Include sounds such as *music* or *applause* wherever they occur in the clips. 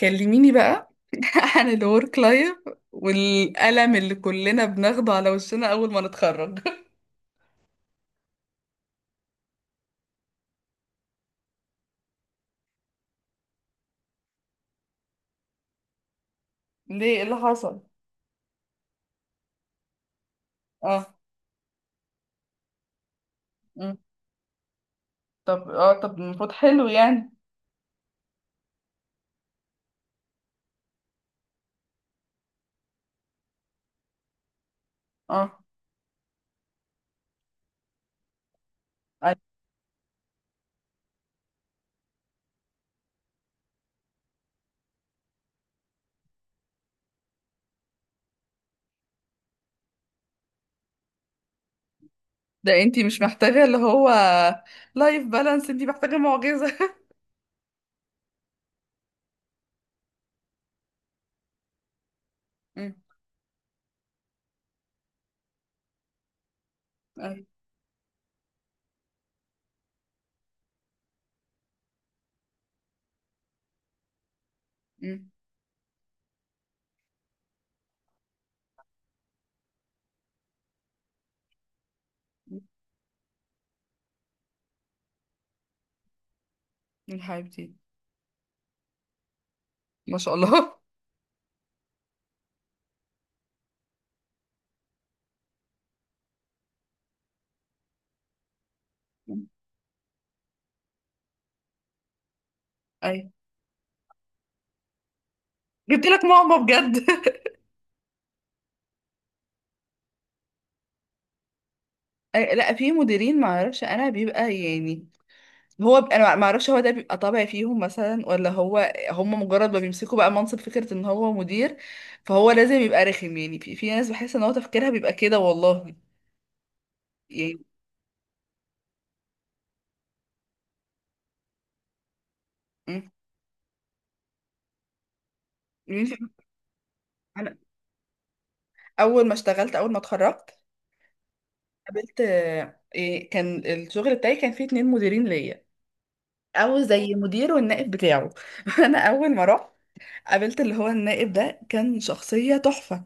كلميني بقى *laughs* عن الورك لايف والألم اللي كلنا بناخده على وشنا أول ما نتخرج *laughs* ليه؟ إيه اللي حصل؟ اه. مم. طب اه، طب المفروض حلو يعني. اه، أيوة. ده انتي مش محتاجة اللي هو لايف بالانس، انتي محتاجة معجزة *laughs* مم. أيوة. مم. من حبيبتي. ما شاء الله. مم. أيوة. جبت لك ماما بجد *laughs* أي- لا، في مديرين ما اعرفش انا بيبقى يعني، هو انا ما اعرفش هو ده بيبقى طبع فيهم مثلا، ولا هو هم مجرد ما بيمسكوا بقى منصب فكرة ان هو مدير فهو لازم يبقى رخم. يعني في ناس بحس ان هو تفكيرها بيبقى كده والله، يعني. مم. يعني *laughs* انا اول ما اتخرجت قابلت آه، إيه، كان الشغل بتاعي كان فيه اتنين مديرين ليا، او زي مدير والنائب بتاعه *laughs* انا اول ما رحت قابلت اللي هو النائب ده، كان شخصية تحفة،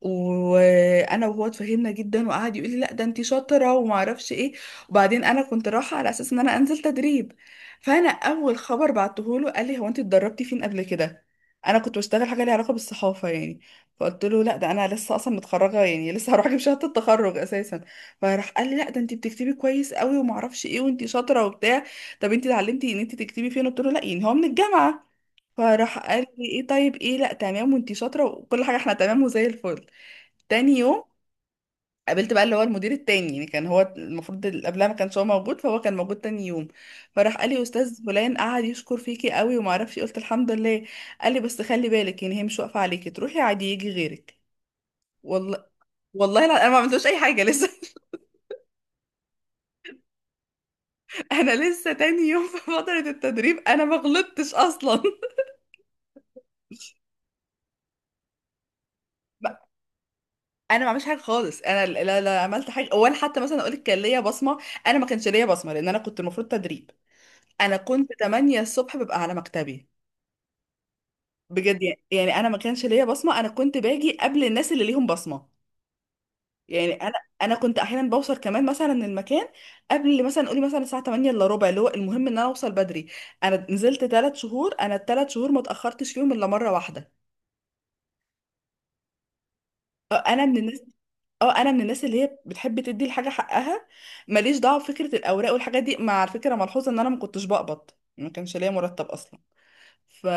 وانا وهو اتفهمنا جدا وقعد يقول لي لا ده انتي شاطره وما اعرفش ايه. وبعدين انا كنت رايحه على اساس ان انا انزل تدريب، فانا اول خبر بعته له قال لي هو انتي اتدربتي فين قبل كده؟ انا كنت بشتغل حاجه ليها علاقه بالصحافه يعني، فقلت له لا ده انا لسه اصلا متخرجه يعني، لسه هروح اجيب شهاده التخرج اساسا. فراح قال لي لا ده انتي بتكتبي كويس قوي وما اعرفش ايه، وانتي شاطره وبتاع. طب انتي اتعلمتي ان انتي تكتبي فين؟ قلت له لا يعني هو من الجامعه. فراح قال لي ايه طيب، ايه لا تمام، وانتي شاطره وكل حاجه احنا تمام وزي الفل. تاني يوم قابلت بقى اللي هو المدير التاني، يعني كان هو المفروض اللي قبلها ما كانش هو موجود، فهو كان موجود تاني يوم. فراح قال لي استاذ فلان قعد يشكر فيكي قوي وما اعرفش إيه، قلت الحمد لله. قال لي بس خلي بالك، يعني هي مش واقفه عليكي، تروحي عادي يجي غيرك. والله! والله لا انا ما عملتوش اي حاجه لسه *laughs* انا لسه تاني يوم في فتره التدريب، انا ما غلطتش اصلا *laughs* ب- انا ما عملتش حاجه خالص، انا لا عملت حاجه، ولا حتى مثلا اقول لك كان ليا بصمه. انا ما كانش ليا بصمه لان انا كنت المفروض تدريب. انا كنت 8 الصبح ببقى على مكتبي بجد يعني. يعني انا ما كانش ليا بصمه، انا كنت باجي قبل الناس اللي ليهم بصمه يعني. انا كنت احيانا بوصل كمان مثلا المكان قبل مثلا، قولي مثلا الساعه 8 الا ربع، اللي هو المهم ان انا اوصل بدري. انا نزلت 3 شهور، انا ال 3 شهور ما اتاخرتش فيهم الا مره واحده. آه، انا من الناس، اه انا من الناس اللي هي بتحب تدي الحاجه حقها. ماليش دعوه بفكره الاوراق والحاجات دي، مع الفكره ملحوظه ان انا ما كنتش بقبض، ما كانش ليا مرتب اصلا. ف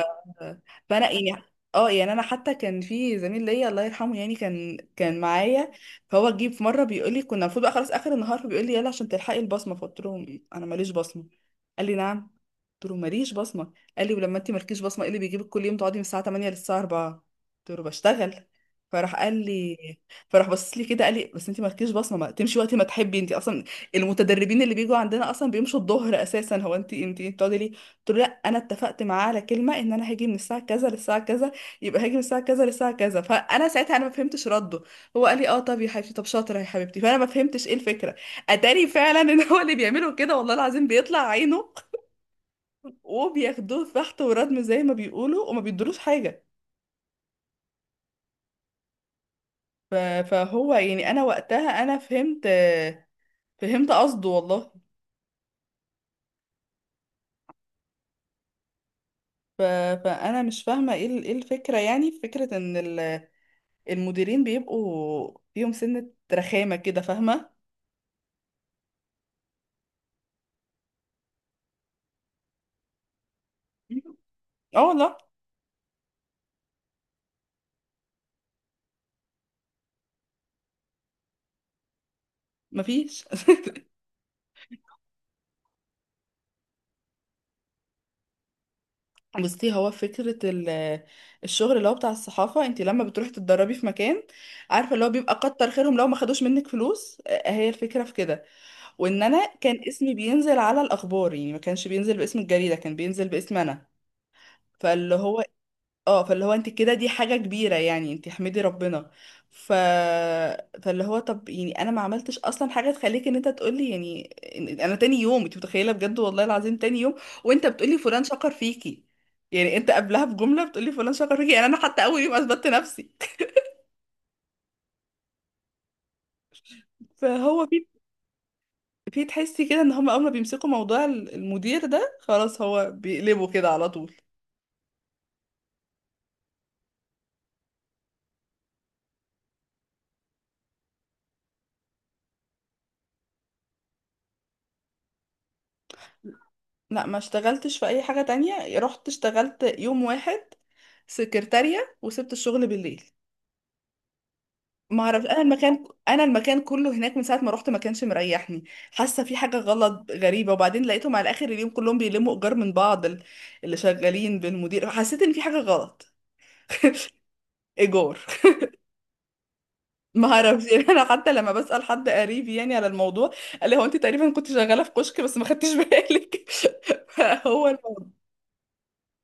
فانا يعني، اه يعني انا حتى كان في زميل ليا الله يرحمه يعني، كان معايا. فهو جه في مره بيقول لي، كنا المفروض بقى خلاص اخر النهار، فبيقول لي يلا عشان تلحقي البصمه، فقلت له انا ماليش بصمه. قال لي نعم؟ قلت له ماليش بصمه. قال لي ولما انت مالكيش بصمه ايه اللي بيجيبك كل يوم تقعدي من الساعه 8 للساعه 4؟ قلت له بشتغل. فراح قال لي فراح بص لي كده قال لي بس انت مالكيش بصمه، ما تمشي وقت ما تحبي، انت اصلا المتدربين اللي بيجوا عندنا اصلا بيمشوا الظهر اساسا، هو انت بتقعدي. قلت له لا انا اتفقت معاه على كلمه ان انا هاجي من الساعه كذا للساعه كذا، يبقى هاجي من الساعه كذا للساعه كذا. فانا ساعتها انا ما فهمتش رده. هو قال لي اه طب يا حبيبتي، طب شاطره يا حبيبتي، فانا ما فهمتش ايه الفكره. اتاري فعلا ان هو اللي بيعمله كده والله العظيم بيطلع عينه وبياخدوه في بحث وردم زي ما بيقولوا، وما بيدروش حاجه. ف- فهو يعني انا وقتها انا فهمت، فهمت قصده والله. ف- فانا مش فاهمه ايه ايه الفكره، يعني فكره ان المديرين بيبقوا فيهم سنة رخامة كده، فاهمة؟ اه لا، مفيش *laughs* بصي، هو فكرة الشغل اللي هو بتاع الصحافة، انت لما بتروحي تتدربي في مكان، عارفة اللي هو بيبقى كتر خيرهم لو ما خدوش منك فلوس، آه، هي الفكرة في كده. وان انا كان اسمي بينزل على الاخبار يعني، ما كانش بينزل باسم الجريدة، كان بينزل باسم انا. فاللي هو، اه فاللي هو انت كده دي حاجة كبيرة يعني، انت احمدي ربنا. ف... فاللي هو طب يعني انا ما عملتش اصلا حاجة تخليك ان انت تقولي يعني، انا تاني يوم، انت متخيلة بجد والله العظيم تاني يوم وانت بتقولي فلان شكر فيكي. يعني انت قبلها بجملة بتقولي فلان شكر فيكي، يعني انا حتى اول يوم اثبتت نفسي. فهو في، في تحسي كده ان هم اول ما بيمسكوا موضوع المدير ده خلاص هو بيقلبوا كده على طول. لا، ما اشتغلتش في اي حاجة تانية. رحت اشتغلت يوم واحد سكرتارية وسبت الشغل بالليل. ما اعرف، انا المكان كله هناك من ساعه ما رحت ما كانش مريحني، حاسه في حاجه غلط غريبه. وبعدين لقيتهم على اخر اليوم كلهم بيلموا ايجار من بعض، اللي شغالين بالمدير، حسيت ان في حاجه غلط. ايجار *laughs* ما اعرفش يعني، انا حتى لما بسال حد قريب يعني على الموضوع، قال لي هو انت تقريبا كنت شغاله في كشك بس ما خدتش بالك *laughs* فهو الموضوع،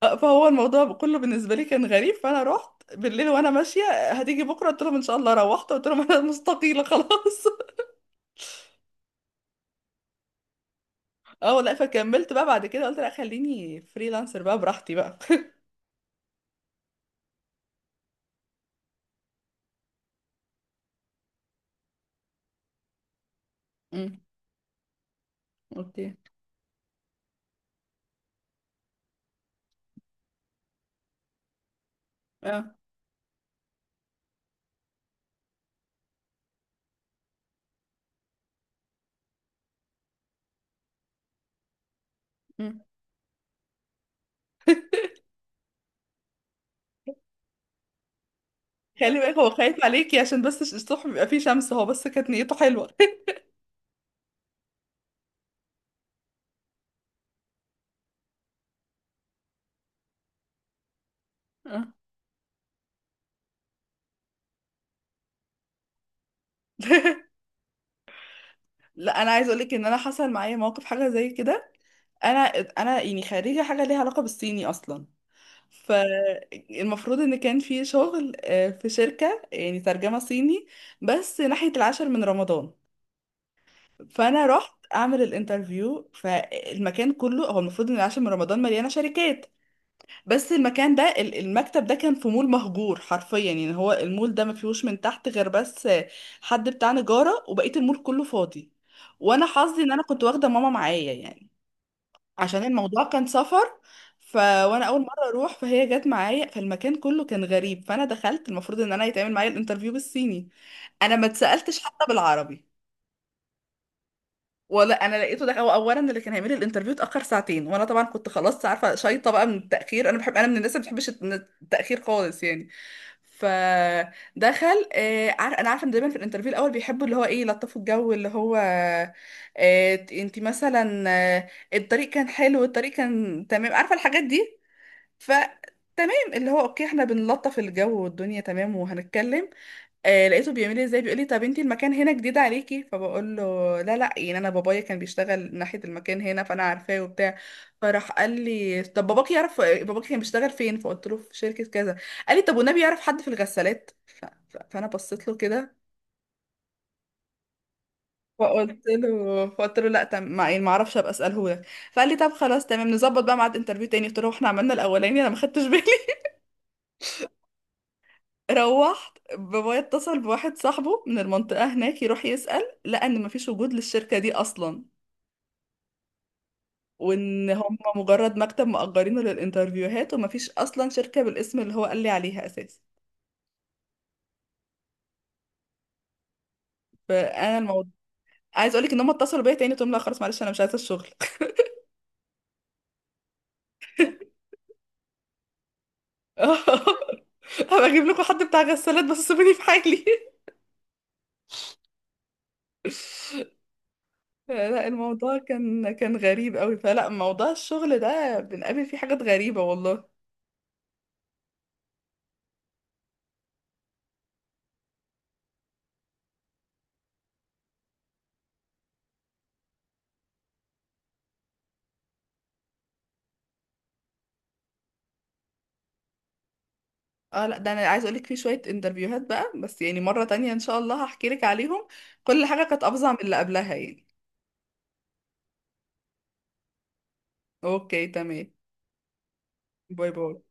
فهو الموضوع كله بالنسبه لي كان غريب. فانا رحت بالليل وانا ماشيه، هتيجي بكره؟ قلت لهم ان شاء الله، روحت قلت لهم انا مستقيله خلاص. اه لا، فكملت بقى بعد كده، قلت لا خليني فريلانسر بقى براحتي بقى *laughs* امم. اوكي. اه. امم. خلي بالك هو خايف عليكي عشان بس الصبح بيبقى فيه شمس، هو بس كانت نيته حلوة *laughs* اه *laughs* لا انا عايز اقولك ان انا حصل معايا موقف حاجه زي كده. انا انا يعني خريجه حاجه ليها علاقه بالصيني اصلا، فالمفروض ان كان في شغل، آه، في شركه يعني ترجمه صيني، بس ناحيه العاشر من رمضان. فانا رحت اعمل الانترفيو، فالمكان كله، هو المفروض ان العاشر من رمضان مليانه شركات، بس المكان ده، المكتب ده كان في مول مهجور حرفيا، يعني هو المول ده ما فيهوش من تحت غير بس حد بتاع نجاره وبقيه المول كله فاضي. وانا حظي ان انا كنت واخده ماما معايا يعني، عشان الموضوع كان سفر. وانا اول مره اروح، فهي جت معايا. فالمكان كله كان غريب. فانا دخلت، المفروض ان انا يتعمل معايا الانترفيو بالصيني، انا ما اتسالتش حتى بالعربي. ولا انا لقيته ده، هو اولا اللي كان هيعمل الانترفيو اتاخر ساعتين، وانا طبعا كنت خلاص عارفه شايطه بقى من التاخير، انا بحب، انا من الناس اللي ما بتحبش التاخير خالص يعني. فدخل، آه انا عارفه ان دايما في الانترفيو الاول بيحبوا اللي هو ايه، يلطفوا الجو، اللي هو آه انت مثلا آه الطريق كان حلو، الطريق كان تمام، عارفه الحاجات دي. فتمام اللي هو اوكي، احنا بنلطف الجو والدنيا تمام وهنتكلم. آه، لقيته بيعمل لي ازاي، بيقول لي طب انتي المكان هنا جديد عليكي، فبقول له لا يعني انا بابايا كان بيشتغل ناحية المكان هنا فانا عارفاه وبتاع. فراح قال لي طب باباك يعرف، باباك كان بيشتغل فين؟ فقلت له في شركة كذا. قال لي طب والنبي يعرف حد في الغسالات؟ فانا بصيت له كده. فقلت له لا تم ما، يعني ما اعرفش، ابقى اساله لك. فقال لي طب خلاص تمام، نظبط بقى ميعاد انترفيو تاني. قلت له احنا عملنا الاولاني انا ما خدتش بالي *laughs* روحت بابايا اتصل بواحد صاحبه من المنطقة هناك يروح يسأل، لقى ان مفيش وجود للشركة دي اصلا، وان هم مجرد مكتب مأجرينه للانترفيوهات، ومفيش اصلا شركة بالاسم اللي هو قال لي عليها اساسا. فانا الموضوع، عايز اقولك ان هم اتصلوا بيا تاني، قلت لهم لا خلاص معلش انا مش عايزه الشغل *laughs* هبقى اجيب لكم حد بتاع غسالات بس سيبوني في حالي *laughs* لا، الموضوع كان، كان غريب قوي، فلا موضوع الشغل ده بنقابل فيه حاجات غريبة والله. اه لا، ده انا عايز اقولك في شوية انترفيوهات بقى، بس يعني مرة تانية ان شاء الله هحكي لك عليهم. كل حاجة كانت افظع من اللي قبلها يعني. اوكي، تمام. باي باي.